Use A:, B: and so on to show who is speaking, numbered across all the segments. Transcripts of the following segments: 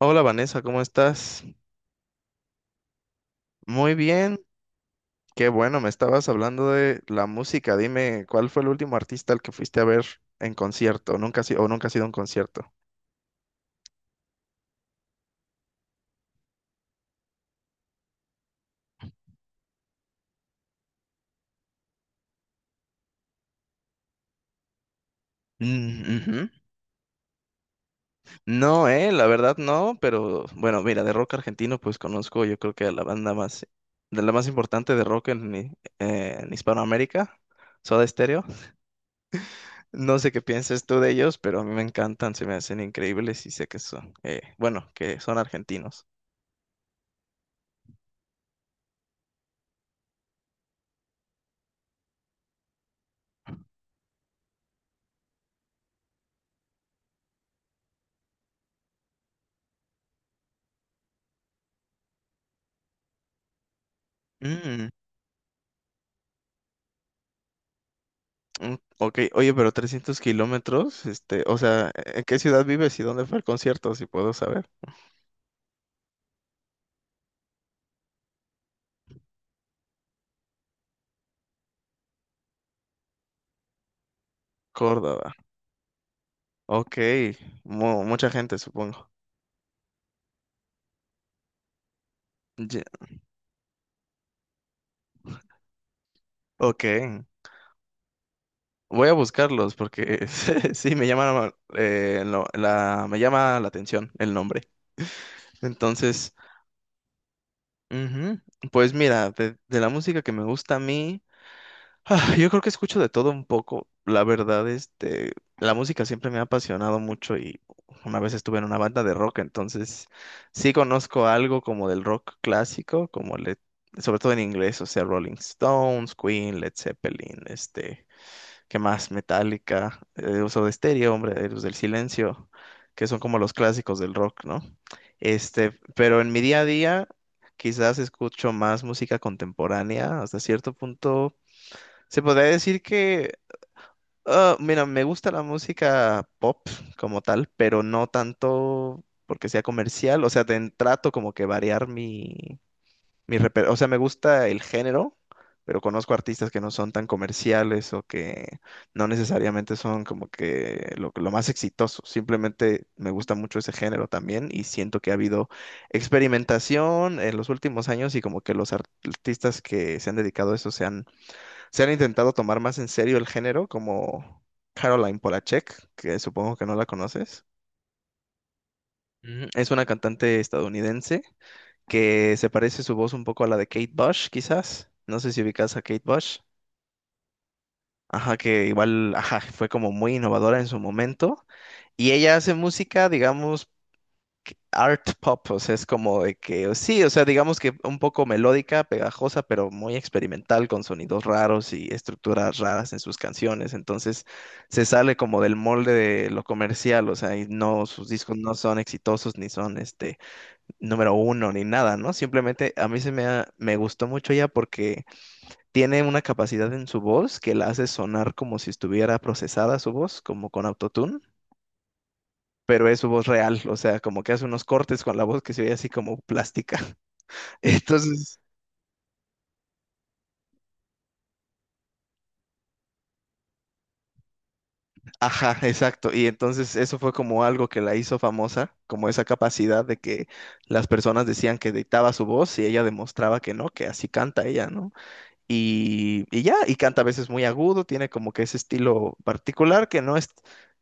A: Hola Vanessa, ¿cómo estás? Muy bien, qué bueno, me estabas hablando de la música. Dime, ¿cuál fue el último artista al que fuiste a ver en concierto? Nunca ha sido un concierto. Mm, ujú. No, la verdad no, pero bueno, mira, de rock argentino pues conozco yo creo que a la banda más, de la más importante de rock en Hispanoamérica, Soda Stereo. No sé qué pienses tú de ellos, pero a mí me encantan, se me hacen increíbles y sé que son, bueno, que son argentinos. Mm. Mm, ok, oye, pero 300 kilómetros, o sea, ¿en qué ciudad vives y dónde fue el concierto, si puedo saber? Córdoba. Ok, mucha gente, supongo. Ya, ok, voy a buscarlos porque sí, me llama la atención el nombre. Entonces, ujú, pues mira, de la música que me gusta a mí, ah, yo creo que escucho de todo un poco. La verdad, la música siempre me ha apasionado mucho y una vez estuve en una banda de rock, entonces sí conozco algo como del rock clásico, sobre todo en inglés, o sea, Rolling Stones, Queen, Led Zeppelin, ¿qué más? Metallica, Uso de Stereo, hombre, Héroes del Silencio, que son como los clásicos del rock, ¿no? Pero en mi día a día quizás escucho más música contemporánea hasta cierto punto se podría decir que, ah, mira, me gusta la música pop como tal, pero no tanto porque sea comercial. O sea, trato como que variar mi o sea, me gusta el género, pero conozco artistas que no son tan comerciales o que no necesariamente son como que lo más exitoso. Simplemente me gusta mucho ese género también y siento que ha habido experimentación en los últimos años y como que los artistas que se han dedicado a eso se han intentado tomar más en serio el género, como Caroline Polachek, que supongo que no la conoces. Ujú. Es una cantante estadounidense que se parece su voz un poco a la de Kate Bush, quizás. No sé si ubicas a Kate Bush. Ajá, que igual, ajá, fue como muy innovadora en su momento. Y ella hace música, digamos, art pop, o sea, es como de que, sí, o sea, digamos que un poco melódica, pegajosa, pero muy experimental, con sonidos raros y estructuras raras en sus canciones. Entonces, se sale como del molde de lo comercial, o sea, y no, sus discos no son exitosos, ni son número uno, ni nada, ¿no? Simplemente a mí me gustó mucho ella porque tiene una capacidad en su voz que la hace sonar como si estuviera procesada su voz, como con autotune, pero es su voz real, o sea, como que hace unos cortes con la voz que se ve así como plástica. Entonces, ajá, exacto. Y entonces eso fue como algo que la hizo famosa, como esa capacidad de que las personas decían que dictaba su voz y ella demostraba que no, que así canta ella, ¿no? Y ya, y canta a veces muy agudo, tiene como que ese estilo particular que no es...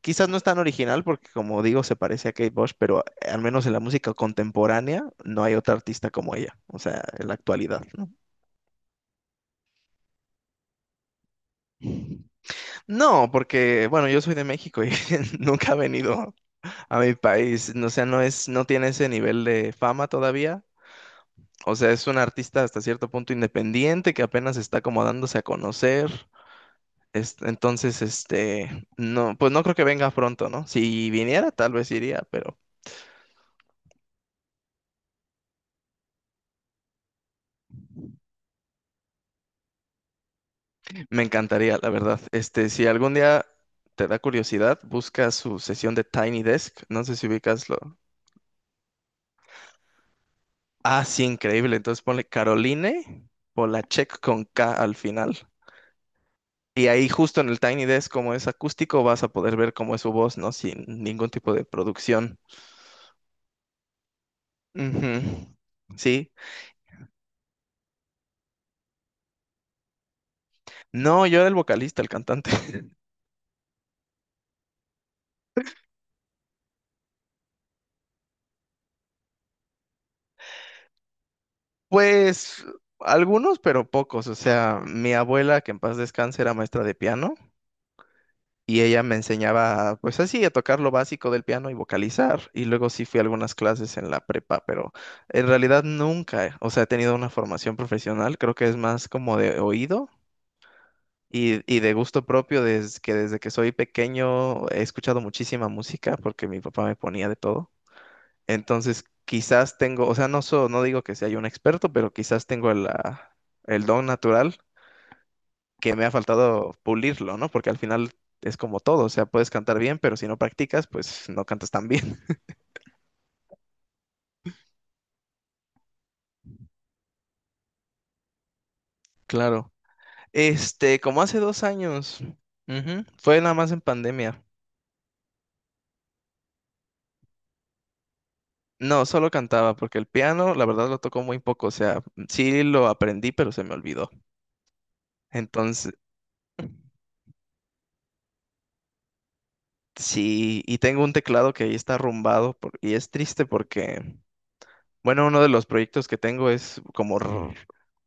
A: Quizás no es tan original porque, como digo, se parece a Kate Bush, pero al menos en la música contemporánea no hay otra artista como ella, o sea, en la actualidad, ¿no? No, porque, bueno, yo soy de México y nunca ha venido a mi país. O sea, no es, no tiene ese nivel de fama todavía. O sea, es un artista hasta cierto punto independiente que apenas está como dándose a conocer. Entonces, no, pues no creo que venga pronto, ¿no? Si viniera, tal vez iría, pero me encantaría, la verdad. Si algún día te da curiosidad, busca su sesión de Tiny Desk. No sé si ubicas. Ah, sí, increíble. Entonces ponle Caroline Polachek con K al final. Y ahí justo en el Tiny Desk, como es acústico, vas a poder ver cómo es su voz, ¿no? Sin ningún tipo de producción. Ujú. Sí. No, yo era el vocalista, el cantante. Pues algunos, pero pocos. O sea, mi abuela, que en paz descanse, era maestra de piano. Y ella me enseñaba, pues así, a tocar lo básico del piano y vocalizar. Y luego sí fui a algunas clases en la prepa, pero en realidad nunca, o sea, he tenido una formación profesional. Creo que es más como de oído y de gusto propio, desde que soy pequeño he escuchado muchísima música porque mi papá me ponía de todo. Entonces, quizás tengo, o sea, no digo que sea yo un experto, pero quizás tengo el don natural que me ha faltado pulirlo, ¿no? Porque al final es como todo, o sea, puedes cantar bien, pero si no practicas, pues no cantas tan bien. Claro. Como hace 2 años, ujú, fue nada más en pandemia. No, solo cantaba, porque el piano, la verdad, lo tocó muy poco, o sea, sí lo aprendí, pero se me olvidó. Entonces, sí, y tengo un teclado que ahí está arrumbado y es triste porque bueno, uno de los proyectos que tengo es como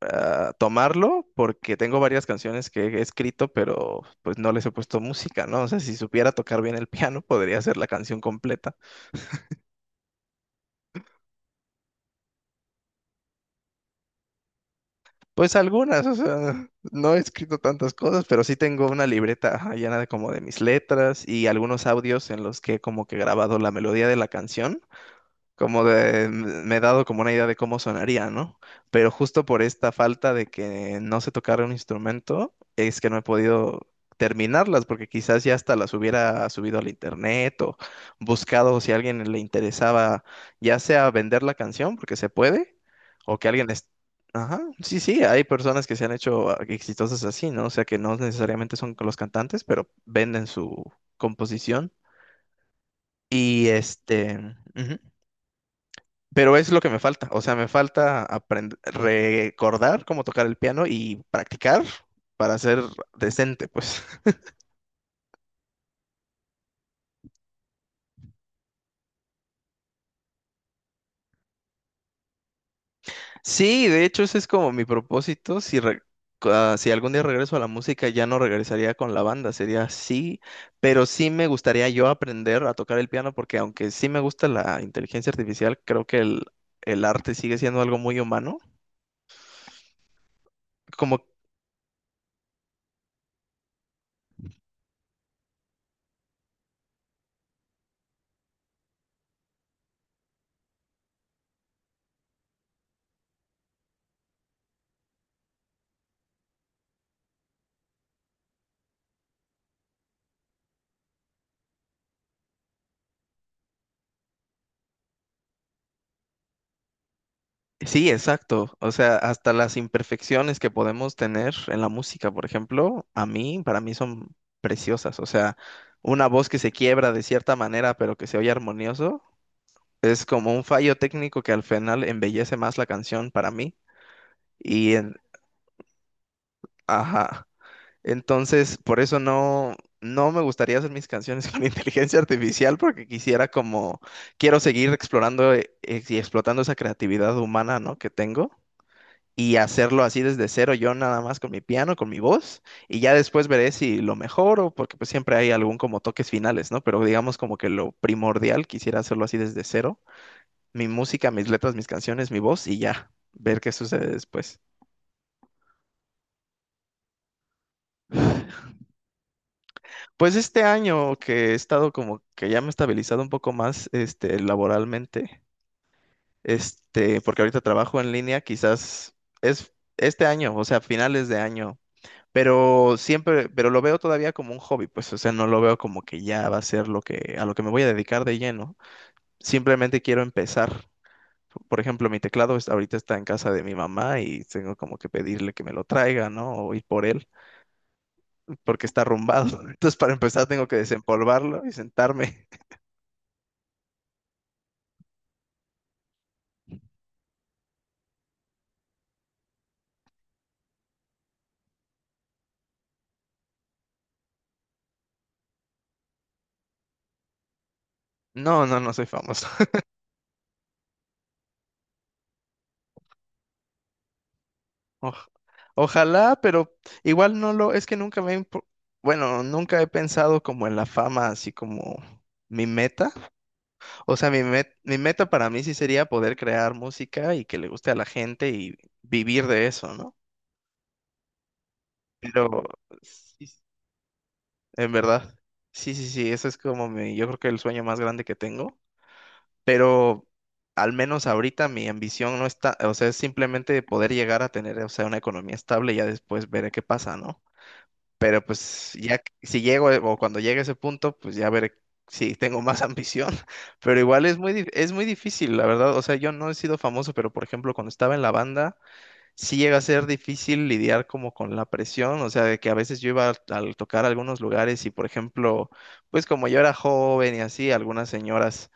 A: ah, tomarlo, porque tengo varias canciones que he escrito, pero pues no les he puesto música, ¿no? O sea, si supiera tocar bien el piano, podría hacer la canción completa. Pues algunas, o sea, no he escrito tantas cosas, pero sí tengo una libreta ajá, llena de como de mis letras y algunos audios en los que he como que grabado la melodía de la canción como de, me he dado como una idea de cómo sonaría, ¿no? Pero justo por esta falta de que no se tocara un instrumento, es que no he podido terminarlas, porque quizás ya hasta las hubiera subido al internet o buscado si a alguien le interesaba, ya sea vender la canción, porque se puede, o que alguien... Ajá, sí, sí, hay personas que se han hecho exitosas así, ¿no? O sea, que no necesariamente son los cantantes, pero venden su composición. Y ujú. Pero es lo que me falta. O sea, me falta aprender, recordar cómo tocar el piano y practicar para ser decente, pues. Sí, de hecho, ese es como mi propósito. Si algún día regreso a la música, ya no regresaría con la banda, sería así. Pero sí me gustaría yo aprender a tocar el piano porque aunque sí me gusta la inteligencia artificial, creo que el arte sigue siendo algo muy humano. Como sí, exacto. O sea, hasta las imperfecciones que podemos tener en la música, por ejemplo, a mí, para mí son preciosas. O sea, una voz que se quiebra de cierta manera, pero que se oye armonioso, es como un fallo técnico que al final embellece más la canción para mí. Y, ajá. Entonces, por eso no, no me gustaría hacer mis canciones con inteligencia artificial, porque quisiera como, quiero seguir explorando y explotando esa creatividad humana, ¿no?, que tengo. Y hacerlo así desde cero yo nada más con mi piano, con mi voz, y ya después veré si lo mejoro, porque pues siempre hay algún como toques finales, ¿no? Pero digamos como que lo primordial, quisiera hacerlo así desde cero, mi música, mis letras, mis canciones, mi voz y ya, ver qué sucede después. Pues este año que he estado como que ya me he estabilizado un poco más, laboralmente, porque ahorita trabajo en línea, quizás es este año, o sea, finales de año. Pero siempre, pero lo veo todavía como un hobby, pues, o sea, no lo veo como que ya va a ser lo que, a lo que me voy a dedicar de lleno. Simplemente quiero empezar. Por ejemplo, mi teclado ahorita está en casa de mi mamá y tengo como que pedirle que me lo traiga, ¿no? O ir por él, porque está arrumbado. Entonces, para empezar, tengo que desempolvarlo y sentarme. No, no, no soy famoso. Oj- Ojalá, pero igual es que nunca bueno, nunca he pensado como en la fama, así como mi meta. O sea, mi meta para mí sí sería poder crear música y que le guste a la gente y vivir de eso, ¿no? Pero, sí, en verdad, sí, sí, sí, eso es como mi, yo creo que el sueño más grande que tengo, pero al menos ahorita mi ambición no está, o sea, es simplemente poder llegar a tener, o sea, una economía estable y ya después veré qué pasa, ¿no? Pero pues si llego o cuando llegue a ese punto, pues ya veré si tengo más ambición. Pero igual es muy difícil, la verdad. O sea, yo no he sido famoso, pero por ejemplo, cuando estaba en la banda, sí llega a ser difícil lidiar como con la presión. O sea, de que a veces yo iba al tocar algunos lugares y por ejemplo, pues como yo era joven y así, algunas señoras,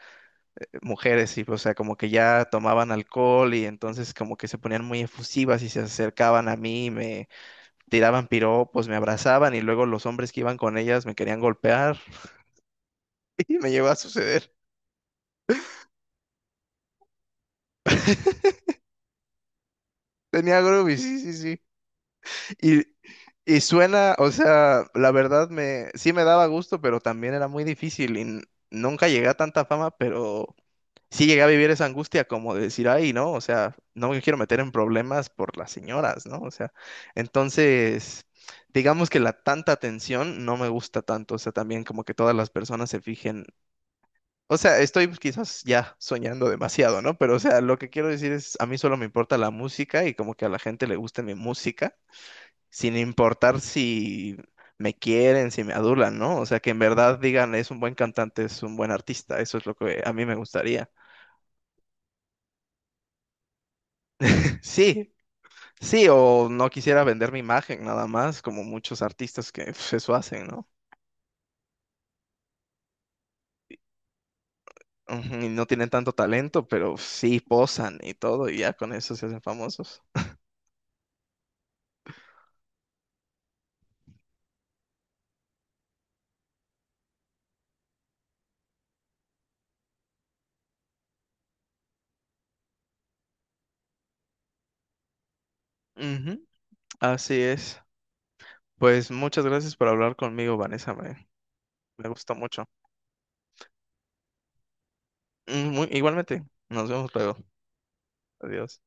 A: mujeres, y o sea, como que ya tomaban alcohol y entonces como que se ponían muy efusivas y se acercaban a mí, tiraban piropos, me abrazaban y luego los hombres que iban con ellas me querían golpear y me llegó a suceder. Tenía Groovy, sí, sí, sí. Y, y suena, o sea, la verdad me, sí me daba gusto, pero también era muy difícil y nunca llegué a tanta fama, pero sí llegué a vivir esa angustia como de decir, ay, no, o sea, no me quiero meter en problemas por las señoras, ¿no? O sea, entonces, digamos que la tanta atención no me gusta tanto, o sea, también como que todas las personas se fijen. O sea, estoy quizás ya soñando demasiado, ¿no? Pero, o sea, lo que quiero decir es, a mí solo me importa la música y como que a la gente le guste mi música, sin importar si me quieren, si me adulan, ¿no? O sea, que en verdad digan, es un buen cantante, es un buen artista, eso es lo que a mí me gustaría. Sí, sí, o no quisiera vender mi imagen nada más, como muchos artistas que pues, eso hacen, ¿no? Ujú, y no tienen tanto talento, pero sí posan y todo, y ya con eso se hacen famosos. Ujú, así es. Pues muchas gracias por hablar conmigo, Vanessa. Me gustó mucho. Igualmente, nos vemos luego. Adiós.